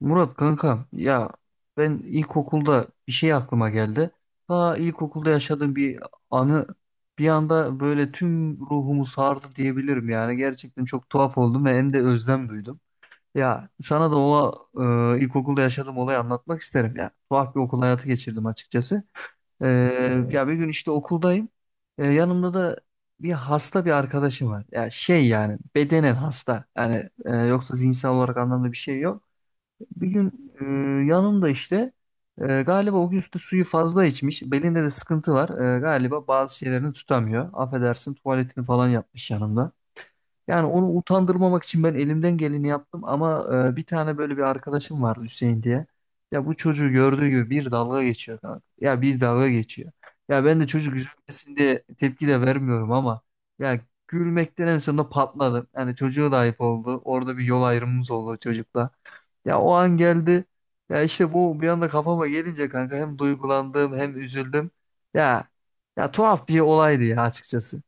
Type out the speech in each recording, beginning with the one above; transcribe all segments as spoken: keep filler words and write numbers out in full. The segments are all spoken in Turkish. Murat kankam ya ben ilkokulda bir şey aklıma geldi. Daha ilkokulda yaşadığım bir anı bir anda böyle tüm ruhumu sardı diyebilirim yani. Gerçekten çok tuhaf oldum ve hem de özlem duydum. Ya sana da o e, ilkokulda yaşadığım olayı anlatmak isterim ya. Tuhaf bir okul hayatı geçirdim açıkçası. Ee, Ya bir gün işte okuldayım. Ee, yanımda da bir hasta bir arkadaşım var. Ya şey yani bedenen hasta. Yani e, yoksa zihinsel olarak anlamda bir şey yok. Bir gün e, yanımda işte e, galiba o gün işte suyu fazla içmiş. Belinde de sıkıntı var. E, galiba bazı şeylerini tutamıyor. Affedersin tuvaletini falan yapmış yanımda. Yani onu utandırmamak için ben elimden geleni yaptım ama e, bir tane böyle bir arkadaşım vardı Hüseyin diye. Ya bu çocuğu gördüğü gibi bir dalga geçiyor kanka. Ya bir dalga geçiyor. Ya ben de çocuk üzülmesin diye tepki de vermiyorum ama ya gülmekten en sonunda patladım. Yani çocuğa da ayıp oldu. Orada bir yol ayrımımız oldu çocukla. Ya o an geldi. Ya işte bu bir anda kafama gelince kanka hem duygulandım hem üzüldüm. Ya ya tuhaf bir olaydı ya açıkçası.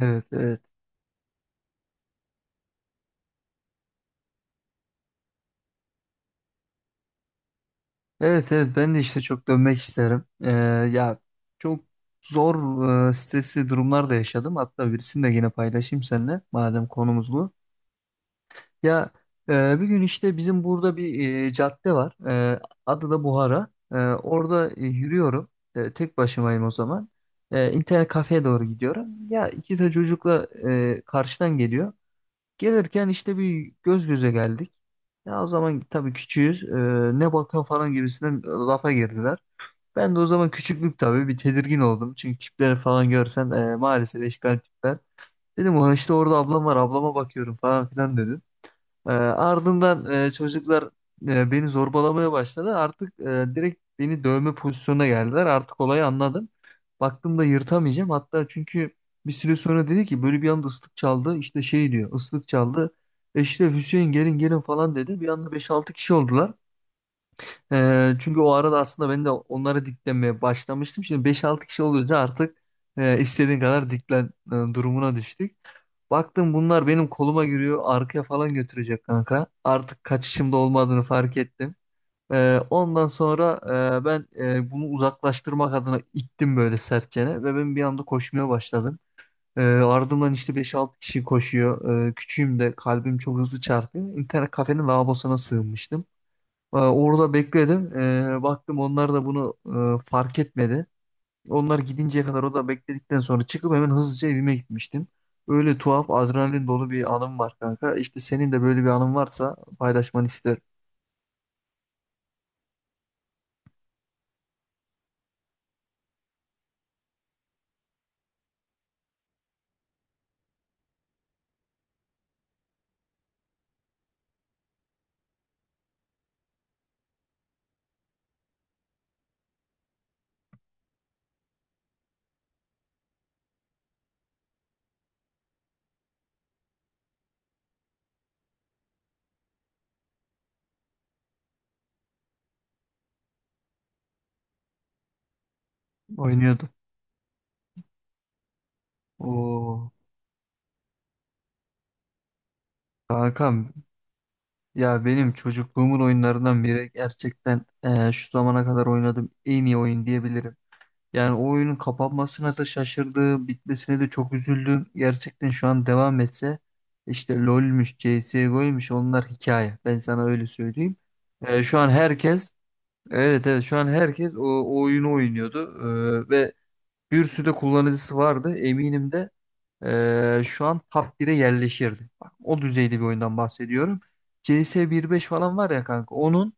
Evet, evet. Evet, evet, ben de işte çok dönmek isterim. Ee, ya çok zor e, stresli durumlar da yaşadım. Hatta birisini de yine paylaşayım seninle madem konumuz bu. Ya e, bir gün işte bizim burada bir e, cadde var. E, Adı da Buhara. E, orada e, yürüyorum. E, tek başımayım o zaman. E, internet kafeye doğru gidiyorum. Ya iki de çocukla e, karşıdan geliyor. Gelirken işte bir göz göze geldik. Ya o zaman tabii küçüğüz. E, ne bakıyor falan gibisinden lafa girdiler. Ben de o zaman küçüklük tabii bir tedirgin oldum. Çünkü tipleri falan görsen e, maalesef eşkal tipler. Dedim, "Ulan işte orada ablam var, ablama bakıyorum falan filan." Ee, ardından e, çocuklar e, beni zorbalamaya başladı. Artık e, direkt beni dövme pozisyonuna geldiler. Artık olayı anladım. Baktım da yırtamayacağım. Hatta çünkü bir süre sonra dedi ki, böyle bir anda ıslık çaldı. İşte şey diyor, ıslık çaldı. E işte Hüseyin, gelin gelin falan dedi. Bir anda beş altı kişi oldular. Ee, çünkü o arada aslında ben de onlara diklenmeye başlamıştım. Şimdi beş altı kişi olunca artık e, istediğin kadar diklen e, durumuna düştük. Baktım bunlar benim koluma giriyor, arkaya falan götürecek kanka. Artık kaçışımda olmadığını fark ettim. Ee, ondan sonra e, ben e, bunu uzaklaştırmak adına ittim böyle sertçene ve ben bir anda koşmaya başladım. Ee, ardımdan işte beş altı kişi koşuyor. Ee, küçüğüm de kalbim çok hızlı çarpıyor. İnternet kafenin lavabosuna sığınmıştım. Ee, Orada bekledim. Ee, baktım onlar da bunu e, fark etmedi. Onlar gidinceye kadar o da bekledikten sonra çıkıp hemen hızlıca evime gitmiştim. Öyle tuhaf adrenalin dolu bir anım var kanka. İşte senin de böyle bir anın varsa paylaşmanı isterim. Oynuyordum. Oo, kankam ya, benim çocukluğumun oyunlarından biri, gerçekten e, şu zamana kadar oynadığım en iyi oyun diyebilirim. Yani o oyunun kapanmasına da şaşırdım, bitmesine de çok üzüldüm. Gerçekten şu an devam etse işte LoL'müş, C S G O'ymuş onlar hikaye. Ben sana öyle söyleyeyim. Ee, şu an herkes evet, evet, şu an herkes o, o oyunu oynuyordu. Ee, ve bir sürü de kullanıcısı vardı. Eminim de ee, şu an top bire yerleşirdi. Bak, o düzeyde bir oyundan bahsediyorum. C S beş falan var ya kanka, onun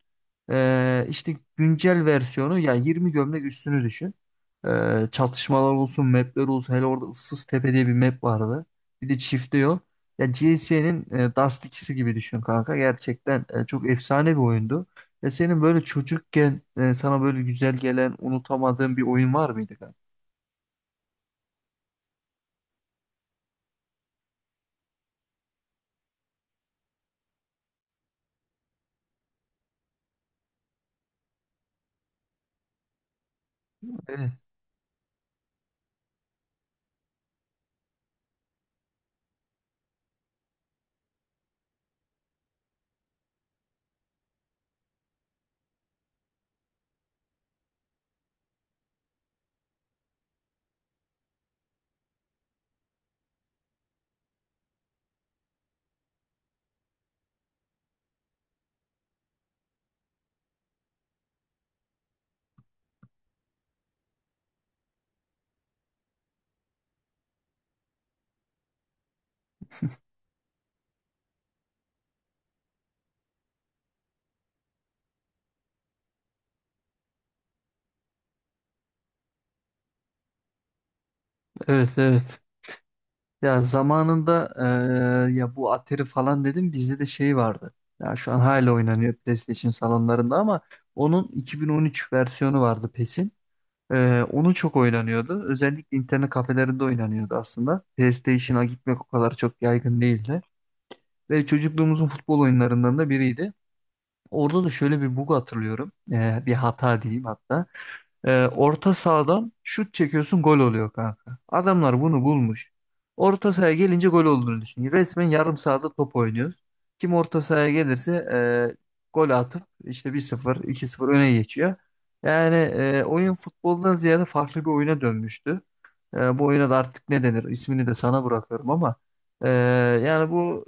ee, işte güncel versiyonu, yani yirmi gömlek üstünü düşün. Ee, çatışmalar olsun, mapler olsun. Hele orada ıssız tepe diye bir map vardı. Bir de çifte yol. Ya C S'nin e, Dust ikisi gibi düşün kanka. Gerçekten e, çok efsane bir oyundu. Ya senin böyle çocukken e, sana böyle güzel gelen, unutamadığın bir oyun var mıydı kanka? Evet, evet, evet. Ya zamanında eee, ya bu Atari falan dedim, bizde de şey vardı. Ya şu an hala oynanıyor PlayStation salonlarında ama onun iki bin on üç versiyonu vardı PES'in. Eee onu çok oynanıyordu. Özellikle internet kafelerinde oynanıyordu aslında. PlayStation'a gitmek o kadar çok yaygın değildi. Ve çocukluğumuzun futbol oyunlarından da biriydi. Orada da şöyle bir bug hatırlıyorum. Eee, bir hata diyeyim hatta. Ee, orta sahadan şut çekiyorsun gol oluyor kanka. Adamlar bunu bulmuş. Orta sahaya gelince gol olduğunu düşün. Resmen yarım sahada top oynuyoruz. Kim orta sahaya gelirse e, gol atıp işte bir sıfır iki sıfır öne geçiyor. Yani e, oyun futboldan ziyade farklı bir oyuna dönmüştü. E, bu oyuna da artık ne denir, ismini de sana bırakıyorum ama e, yani bu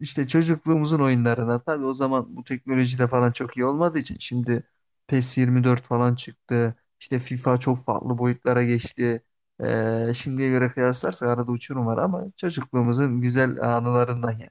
işte çocukluğumuzun oyunlarına, tabii o zaman bu teknoloji de falan çok iyi olmadığı için şimdi PES yirmi dört falan çıktı. İşte FIFA çok farklı boyutlara geçti. Ee, şimdiye göre kıyaslarsak arada uçurum var ama çocukluğumuzun güzel anılarından yani.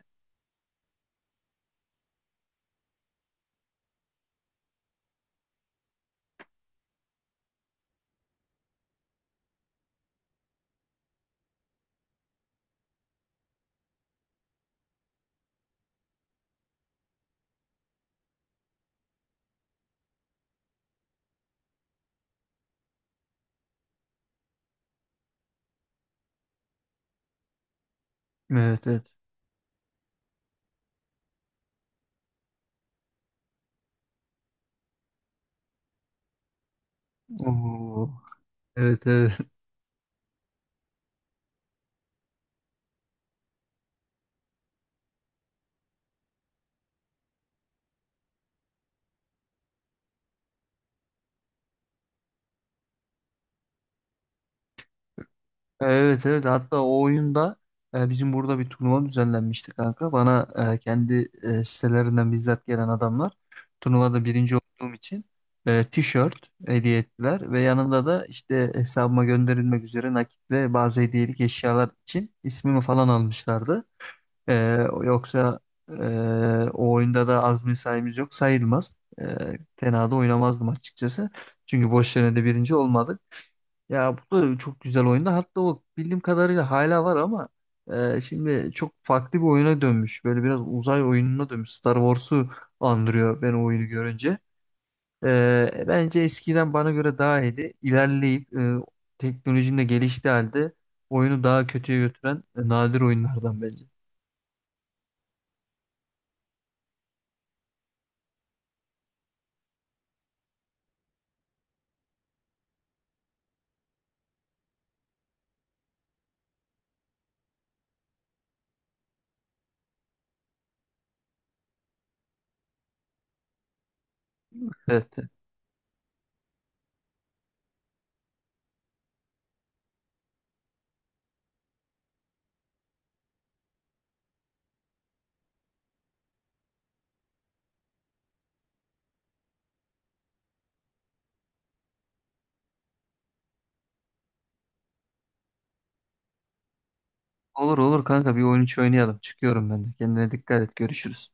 Evet, evet. Oo. Evet, evet. Evet, evet, hatta o oyunda e, bizim burada bir turnuva düzenlenmişti kanka. Bana e, kendi e, sitelerinden bizzat gelen adamlar, turnuvada birinci olduğum için e, tişört hediye ettiler ve yanında da işte hesabıma gönderilmek üzere nakit ve bazı hediyelik eşyalar için ismimi falan almışlardı. Ee, Yoksa e, o oyunda da az mesaimiz yok sayılmaz. Ee, tenada oynamazdım açıkçası. Çünkü boş yerine de birinci olmadık. Ya bu da çok güzel oyunda. Hatta o bildiğim kadarıyla hala var ama e, şimdi çok farklı bir oyuna dönmüş. Böyle biraz uzay oyununa dönmüş. Star Wars'u andırıyor ben o oyunu görünce. Ee, bence eskiden bana göre daha iyiydi. İlerleyip e, teknolojinin de geliştiği halde oyunu daha kötüye götüren e, nadir oyunlardan bence. Evet. Olur olur kanka, bir oyun içi oynayalım. Çıkıyorum ben de. Kendine dikkat et. Görüşürüz.